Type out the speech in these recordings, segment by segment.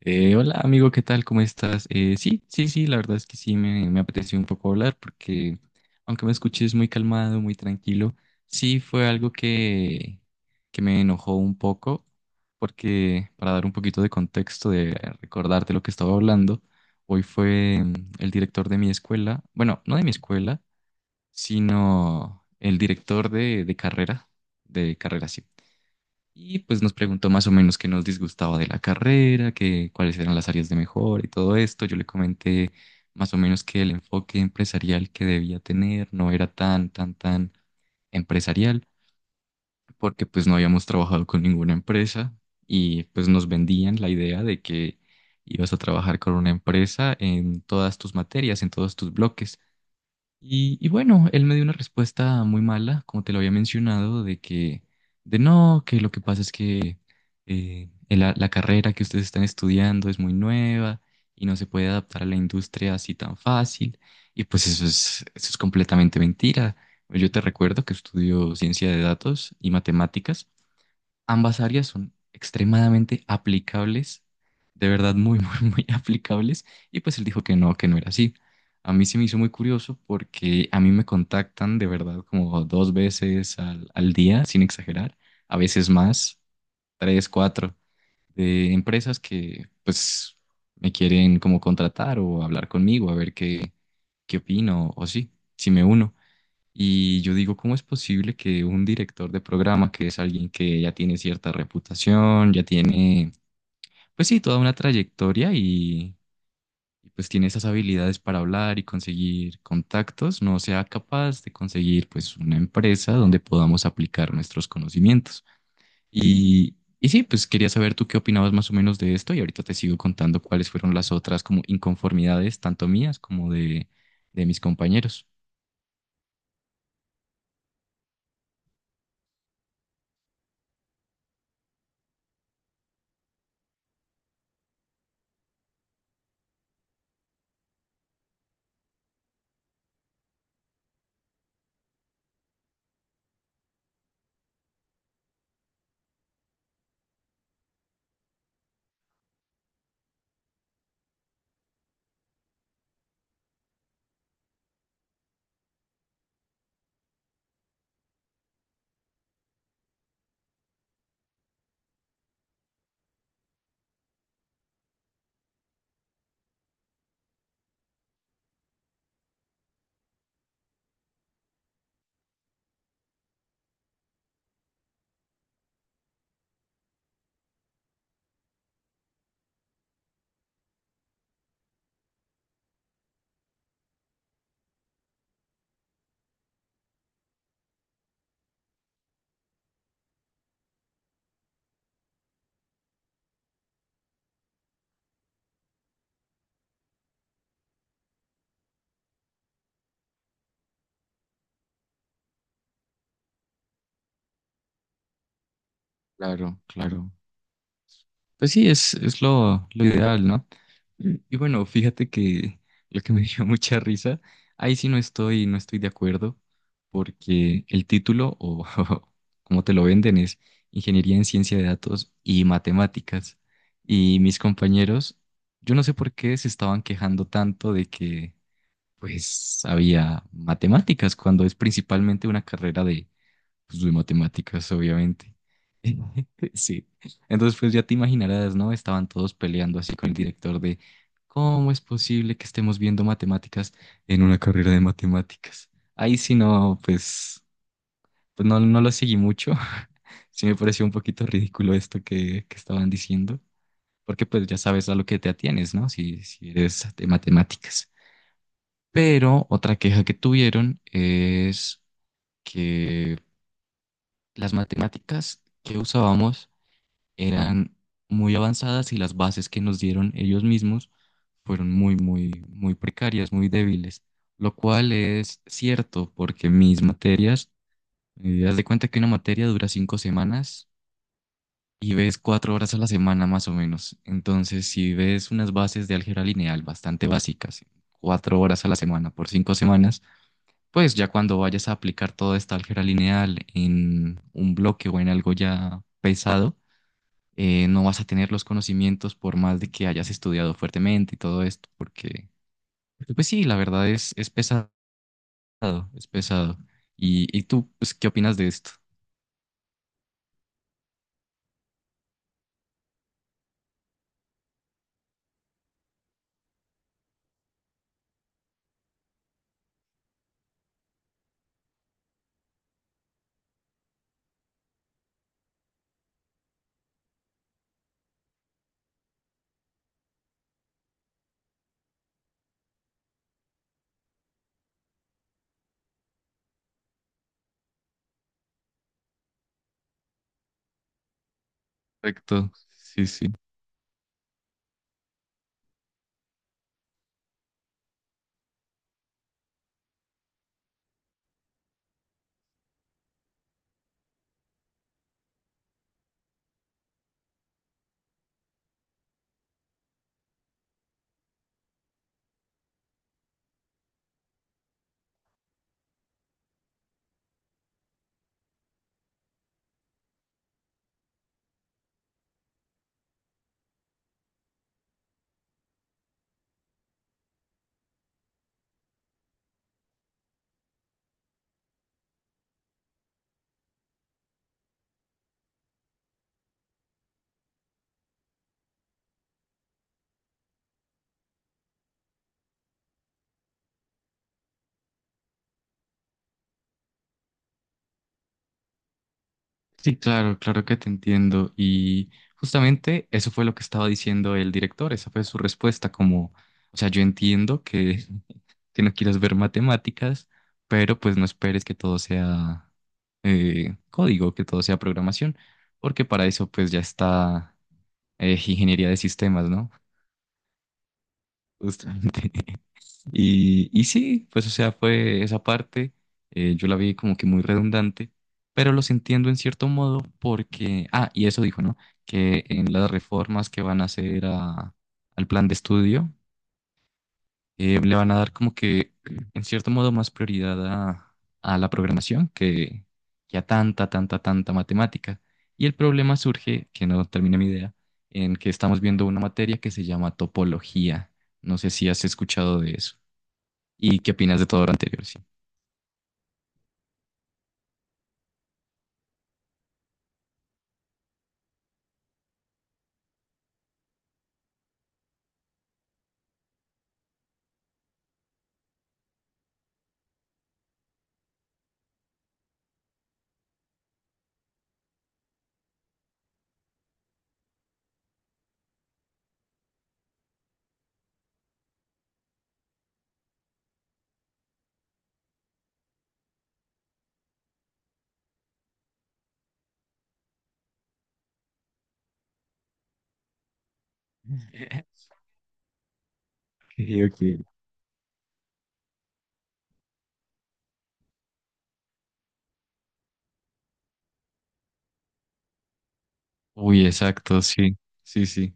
Hola amigo, ¿qué tal? ¿Cómo estás? Sí, sí, sí, la verdad es que sí me apeteció un poco hablar porque aunque me escuches muy calmado, muy tranquilo, sí fue algo que me enojó un poco porque para dar un poquito de contexto, de recordarte lo que estaba hablando, hoy fue el director de mi escuela, bueno, no de mi escuela, sino el director de carrera, de carrera, sí. Y pues nos preguntó más o menos qué nos disgustaba de la carrera, cuáles eran las áreas de mejora y todo esto. Yo le comenté más o menos que el enfoque empresarial que debía tener no era tan, tan, tan empresarial, porque pues no habíamos trabajado con ninguna empresa y pues nos vendían la idea de que ibas a trabajar con una empresa en todas tus materias, en todos tus bloques. Y bueno, él me dio una respuesta muy mala, como te lo había mencionado, de que, de no, que lo que pasa es que la carrera que ustedes están estudiando es muy nueva y no se puede adaptar a la industria así tan fácil. Y pues eso es completamente mentira. Yo te recuerdo que estudio ciencia de datos y matemáticas. Ambas áreas son extremadamente aplicables, de verdad muy, muy, muy aplicables, y pues él dijo que no era así. A mí se me hizo muy curioso porque a mí me contactan de verdad como dos veces al día, sin exagerar, a veces más, tres, cuatro, de empresas que pues me quieren como contratar o hablar conmigo, a ver qué opino o sí, si me uno. Y yo digo, ¿cómo es posible que un director de programa, que es alguien que ya tiene cierta reputación, ya tiene, pues sí, toda una trayectoria y pues tiene esas habilidades para hablar y conseguir contactos, no sea capaz de conseguir pues una empresa donde podamos aplicar nuestros conocimientos? Y sí, pues quería saber tú qué opinabas más o menos de esto y ahorita te sigo contando cuáles fueron las otras como inconformidades, tanto mías como de mis compañeros. Claro, claro. Pues sí, es lo ideal, ¿no? Y bueno, fíjate que lo que me dio mucha risa, ahí sí no estoy de acuerdo, porque el título, o como te lo venden, es Ingeniería en Ciencia de Datos y Matemáticas. Y mis compañeros, yo no sé por qué se estaban quejando tanto de que, pues, había matemáticas, cuando es principalmente una carrera de pues de matemáticas, obviamente. Sí. Entonces, pues ya te imaginarás, ¿no? Estaban todos peleando así con el director de ¿cómo es posible que estemos viendo matemáticas en una carrera de matemáticas? Ahí sí no, pues no lo seguí mucho. Sí me pareció un poquito ridículo esto que estaban diciendo, porque pues ya sabes a lo que te atienes, ¿no? Si eres de matemáticas. Pero otra queja que tuvieron es que las matemáticas que usábamos eran muy avanzadas y las bases que nos dieron ellos mismos fueron muy, muy, muy precarias, muy débiles, lo cual es cierto porque mis materias, haz de cuenta que una materia dura 5 semanas y ves 4 horas a la semana más o menos. Entonces, si ves unas bases de álgebra lineal bastante básicas, 4 horas a la semana por 5 semanas, pues ya cuando vayas a aplicar toda esta álgebra lineal en un bloque o en algo ya pesado, no vas a tener los conocimientos por más de que hayas estudiado fuertemente y todo esto, porque, pues sí, la verdad es pesado, es pesado. ¿¿Y tú, pues, qué opinas de esto? Correcto, sí, sí. Sí, claro, claro que te entiendo. Y justamente eso fue lo que estaba diciendo el director, esa fue su respuesta, como, o sea, yo entiendo que no quieras ver matemáticas, pero pues no esperes que todo sea código, que todo sea programación, porque para eso pues ya está ingeniería de sistemas, ¿no? Justamente. Y sí, pues o sea, fue esa parte, yo la vi como que muy redundante, pero los entiendo en cierto modo porque, ah, y eso dijo, ¿no? Que en las reformas que van a hacer al plan de estudio, le van a dar como que, en cierto modo, más prioridad a la programación que a tanta, tanta, tanta matemática. Y el problema surge, que no termina mi idea, en que estamos viendo una materia que se llama topología. No sé si has escuchado de eso. ¿Y qué opinas de todo lo anterior? Sí. Ok, ok. Uy, exacto, sí, sí, sí.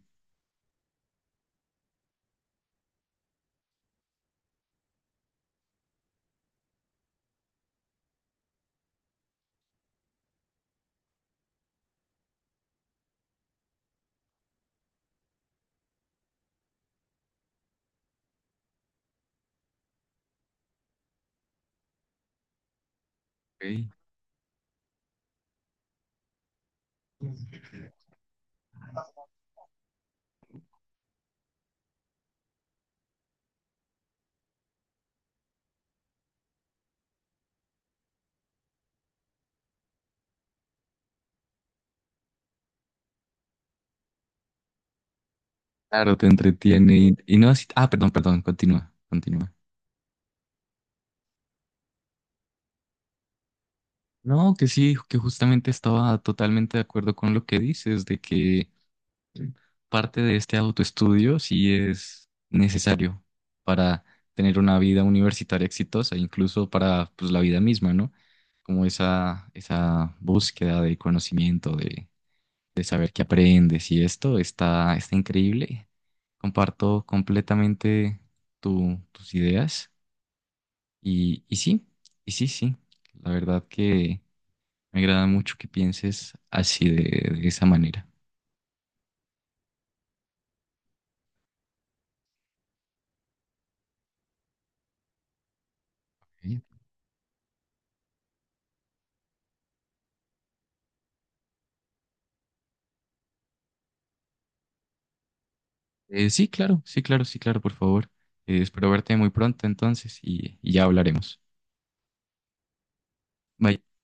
Ok. Claro, te entretiene y no así-. Ah, perdón, perdón, continúa, continúa. No, que sí, que justamente estaba totalmente de acuerdo con lo que dices, de que parte de este autoestudio sí es necesario para tener una vida universitaria exitosa, incluso para pues, la vida misma, ¿no? Como esa búsqueda de conocimiento, de saber qué aprendes y esto está increíble. Comparto completamente tus ideas y sí, y sí, sí. La verdad que me agrada mucho que pienses así de esa manera. ¿Ok? Sí, claro, sí, claro, sí, claro, por favor. Espero verte muy pronto entonces y ya hablaremos. Bye.